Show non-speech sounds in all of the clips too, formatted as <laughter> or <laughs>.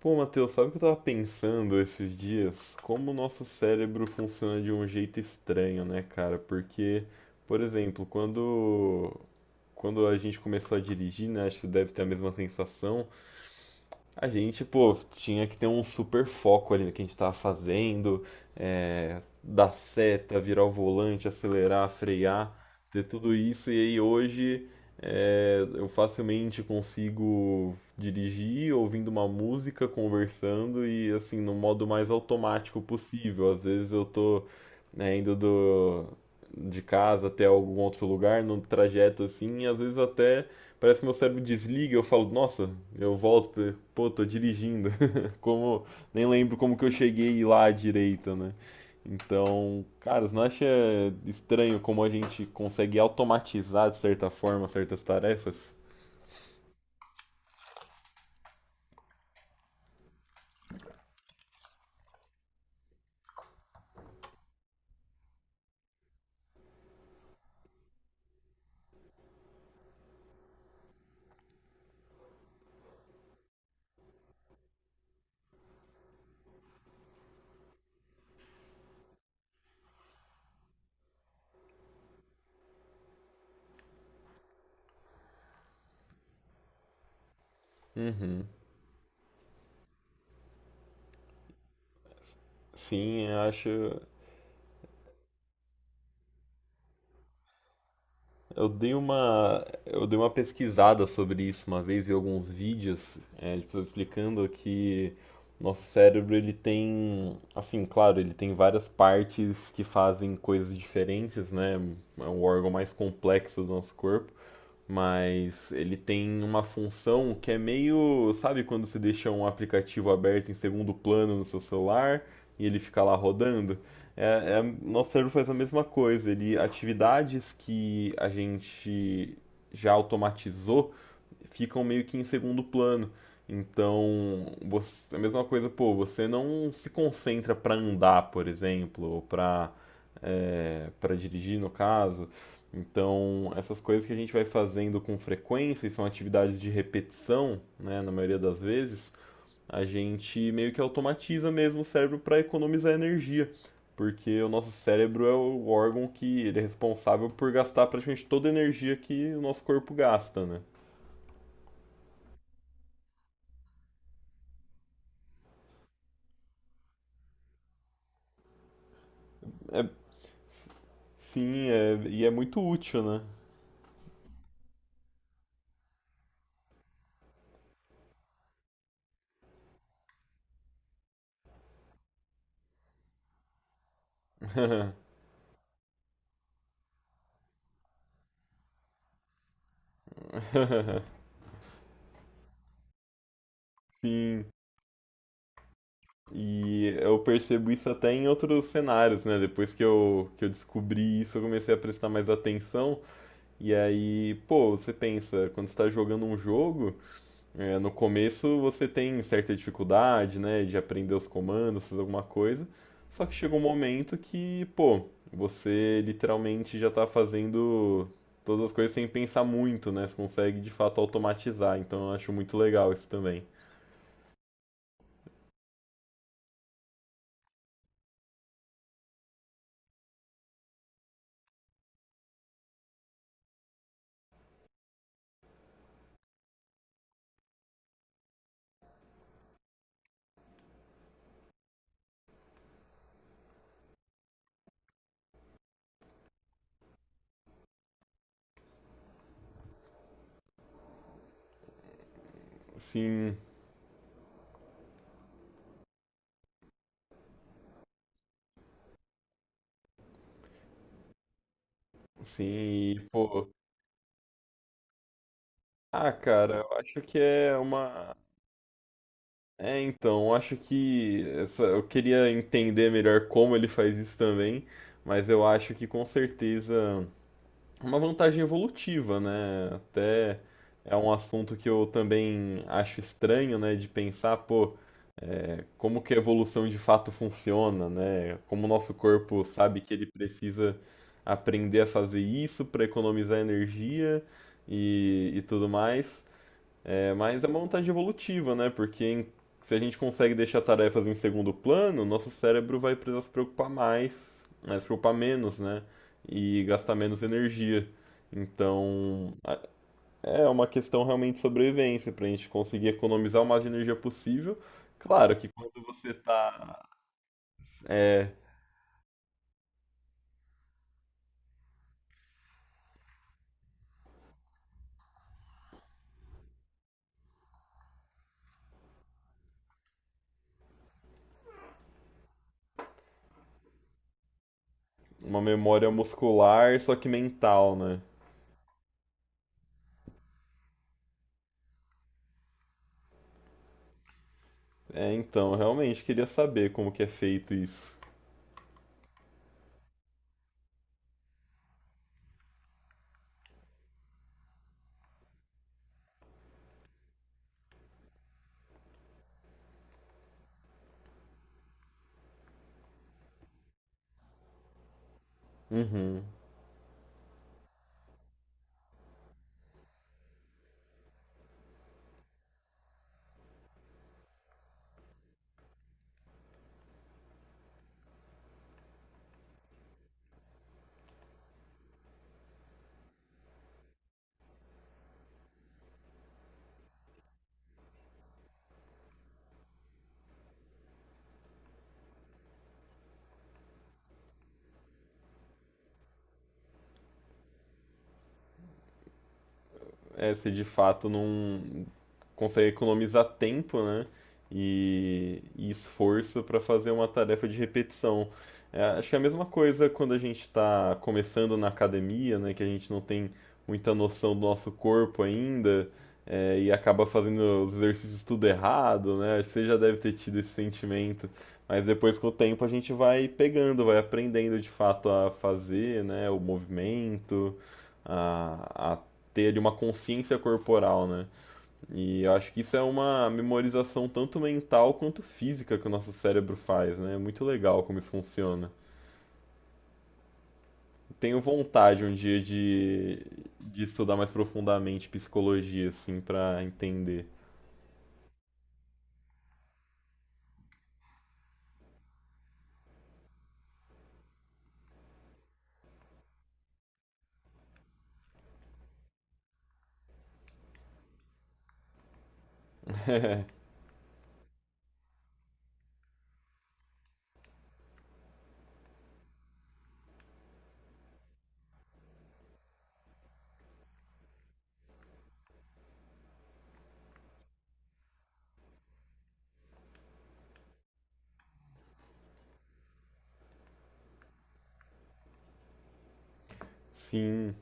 Pô, Matheus, sabe o que eu tava pensando esses dias? Como o nosso cérebro funciona de um jeito estranho, né, cara? Porque, por exemplo, quando a gente começou a dirigir, né, acho que você deve ter a mesma sensação. A gente, pô, tinha que ter um super foco ali no que a gente tava fazendo, dar seta, virar o volante, acelerar, frear, ter tudo isso. E aí hoje eu facilmente consigo dirigir ouvindo uma música, conversando e assim, no modo mais automático possível. Às vezes eu tô, né, indo do, de casa até algum outro lugar, no trajeto assim, e às vezes até parece que meu cérebro desliga. Eu falo, nossa, eu volto, pô, tô dirigindo. <laughs> Como, nem lembro como que eu cheguei lá à direita, né? Então, cara, você não acha estranho como a gente consegue automatizar de certa forma certas tarefas? Uhum. Sim, eu acho. Eu dei uma pesquisada sobre isso uma vez em alguns vídeos, de pessoas explicando que nosso cérebro, ele tem, assim, claro, ele tem várias partes que fazem coisas diferentes, né? É um órgão mais complexo do nosso corpo, mas ele tem uma função que é meio, sabe quando você deixa um aplicativo aberto em segundo plano no seu celular e ele fica lá rodando? Nosso cérebro faz a mesma coisa. Ele atividades que a gente já automatizou ficam meio que em segundo plano. Então, você, é a mesma coisa, pô, você não se concentra para andar, por exemplo, ou para pra dirigir, no caso. Então, essas coisas que a gente vai fazendo com frequência, e são atividades de repetição, né, na maioria das vezes, a gente meio que automatiza mesmo o cérebro para economizar energia, porque o nosso cérebro é o órgão que ele é responsável por gastar praticamente toda a energia que o nosso corpo gasta, né? É Sim, e é muito útil, né? Sim, e eu percebo isso até em outros cenários, né? Depois que eu descobri isso, eu comecei a prestar mais atenção. E aí, pô, você pensa, quando você tá jogando um jogo, no começo você tem certa dificuldade, né? De aprender os comandos, fazer alguma coisa. Só que chega um momento que, pô, você literalmente já tá fazendo todas as coisas sem pensar muito, né? Você consegue de fato automatizar. Então eu acho muito legal isso também. Sim, sim, e, pô. Ah, cara, eu acho que é uma. É, então, eu acho que essa... eu queria entender melhor como ele faz isso também, mas eu acho que com certeza é uma vantagem evolutiva, né? Até é um assunto que eu também acho estranho, né, de pensar, pô. Como que a evolução de fato funciona, né? Como o nosso corpo sabe que ele precisa aprender a fazer isso para economizar energia e tudo mais. É, mas é uma vantagem evolutiva, né? Porque se a gente consegue deixar tarefas em segundo plano, nosso cérebro vai precisar se preocupar mais, né? Se preocupar menos, né? E gastar menos energia. Então, é uma questão realmente de sobrevivência, para a gente conseguir economizar o mais de energia possível. Claro que quando você tá, é, uma memória muscular, só que mental, né? É, então, eu realmente queria saber como que é feito isso. Uhum. É, se de fato não consegue economizar tempo, né? E esforço para fazer uma tarefa de repetição. É, acho que é a mesma coisa quando a gente está começando na academia, né? Que a gente não tem muita noção do nosso corpo ainda, é, e acaba fazendo os exercícios tudo errado, né? Acho que você já deve ter tido esse sentimento, mas depois com o tempo a gente vai pegando, vai aprendendo de fato a fazer, né? O movimento, a ter ali uma consciência corporal, né? E eu acho que isso é uma memorização tanto mental quanto física que o nosso cérebro faz, né? É muito legal como isso funciona. Tenho vontade um dia de estudar mais profundamente psicologia, assim, pra entender. Sim,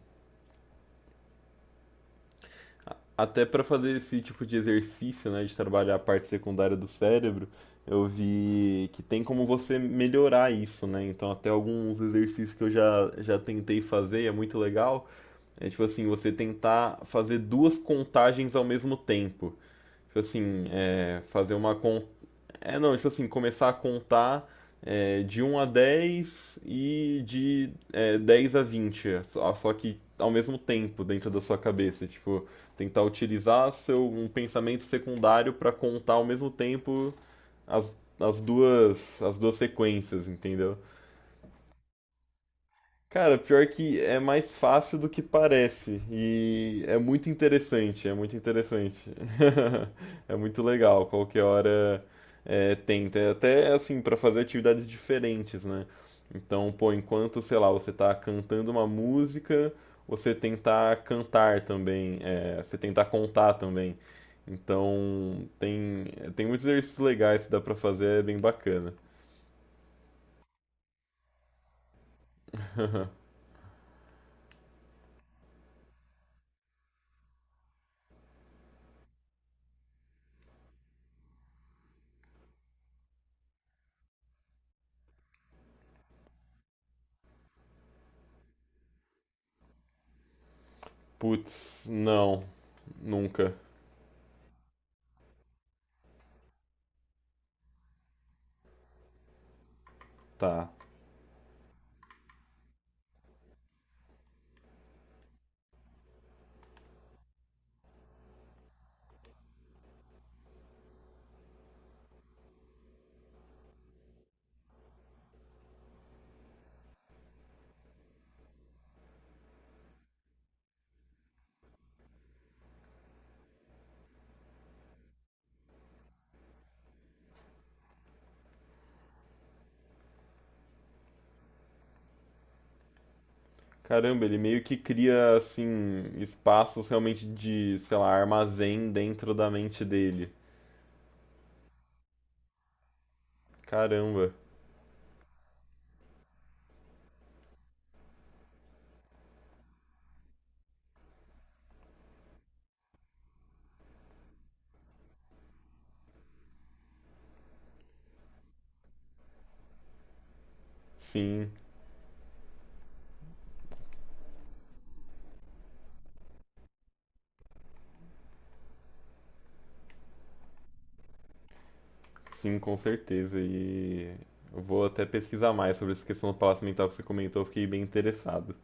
até pra fazer esse tipo de exercício, né, de trabalhar a parte secundária do cérebro, eu vi que tem como você melhorar isso, né? Então, até alguns exercícios que eu já tentei fazer, e é muito legal. É tipo assim, você tentar fazer duas contagens ao mesmo tempo. Tipo assim, fazer uma con... É, não, tipo assim, começar a contar de um a 10 e de 10 a 20, só que ao mesmo tempo dentro da sua cabeça. Tipo, tentar utilizar um pensamento secundário para contar ao mesmo tempo as duas sequências, entendeu? Cara, pior que é mais fácil do que parece. E é muito interessante, é muito interessante. <laughs> É muito legal, qualquer hora tenta. É. Até assim, pra fazer atividades diferentes, né? Então, pô, enquanto, sei lá, você tá cantando uma música, você tentar cantar também, você tentar contar também. Então, tem muitos exercícios legais que dá pra fazer, é bem bacana. Putz, não, nunca. Tá. Caramba, ele meio que cria assim espaços realmente de, sei lá, armazém dentro da mente dele. Caramba. Sim, sim, com certeza. E eu vou até pesquisar mais sobre essa questão do palácio mental que você comentou, eu fiquei bem interessado.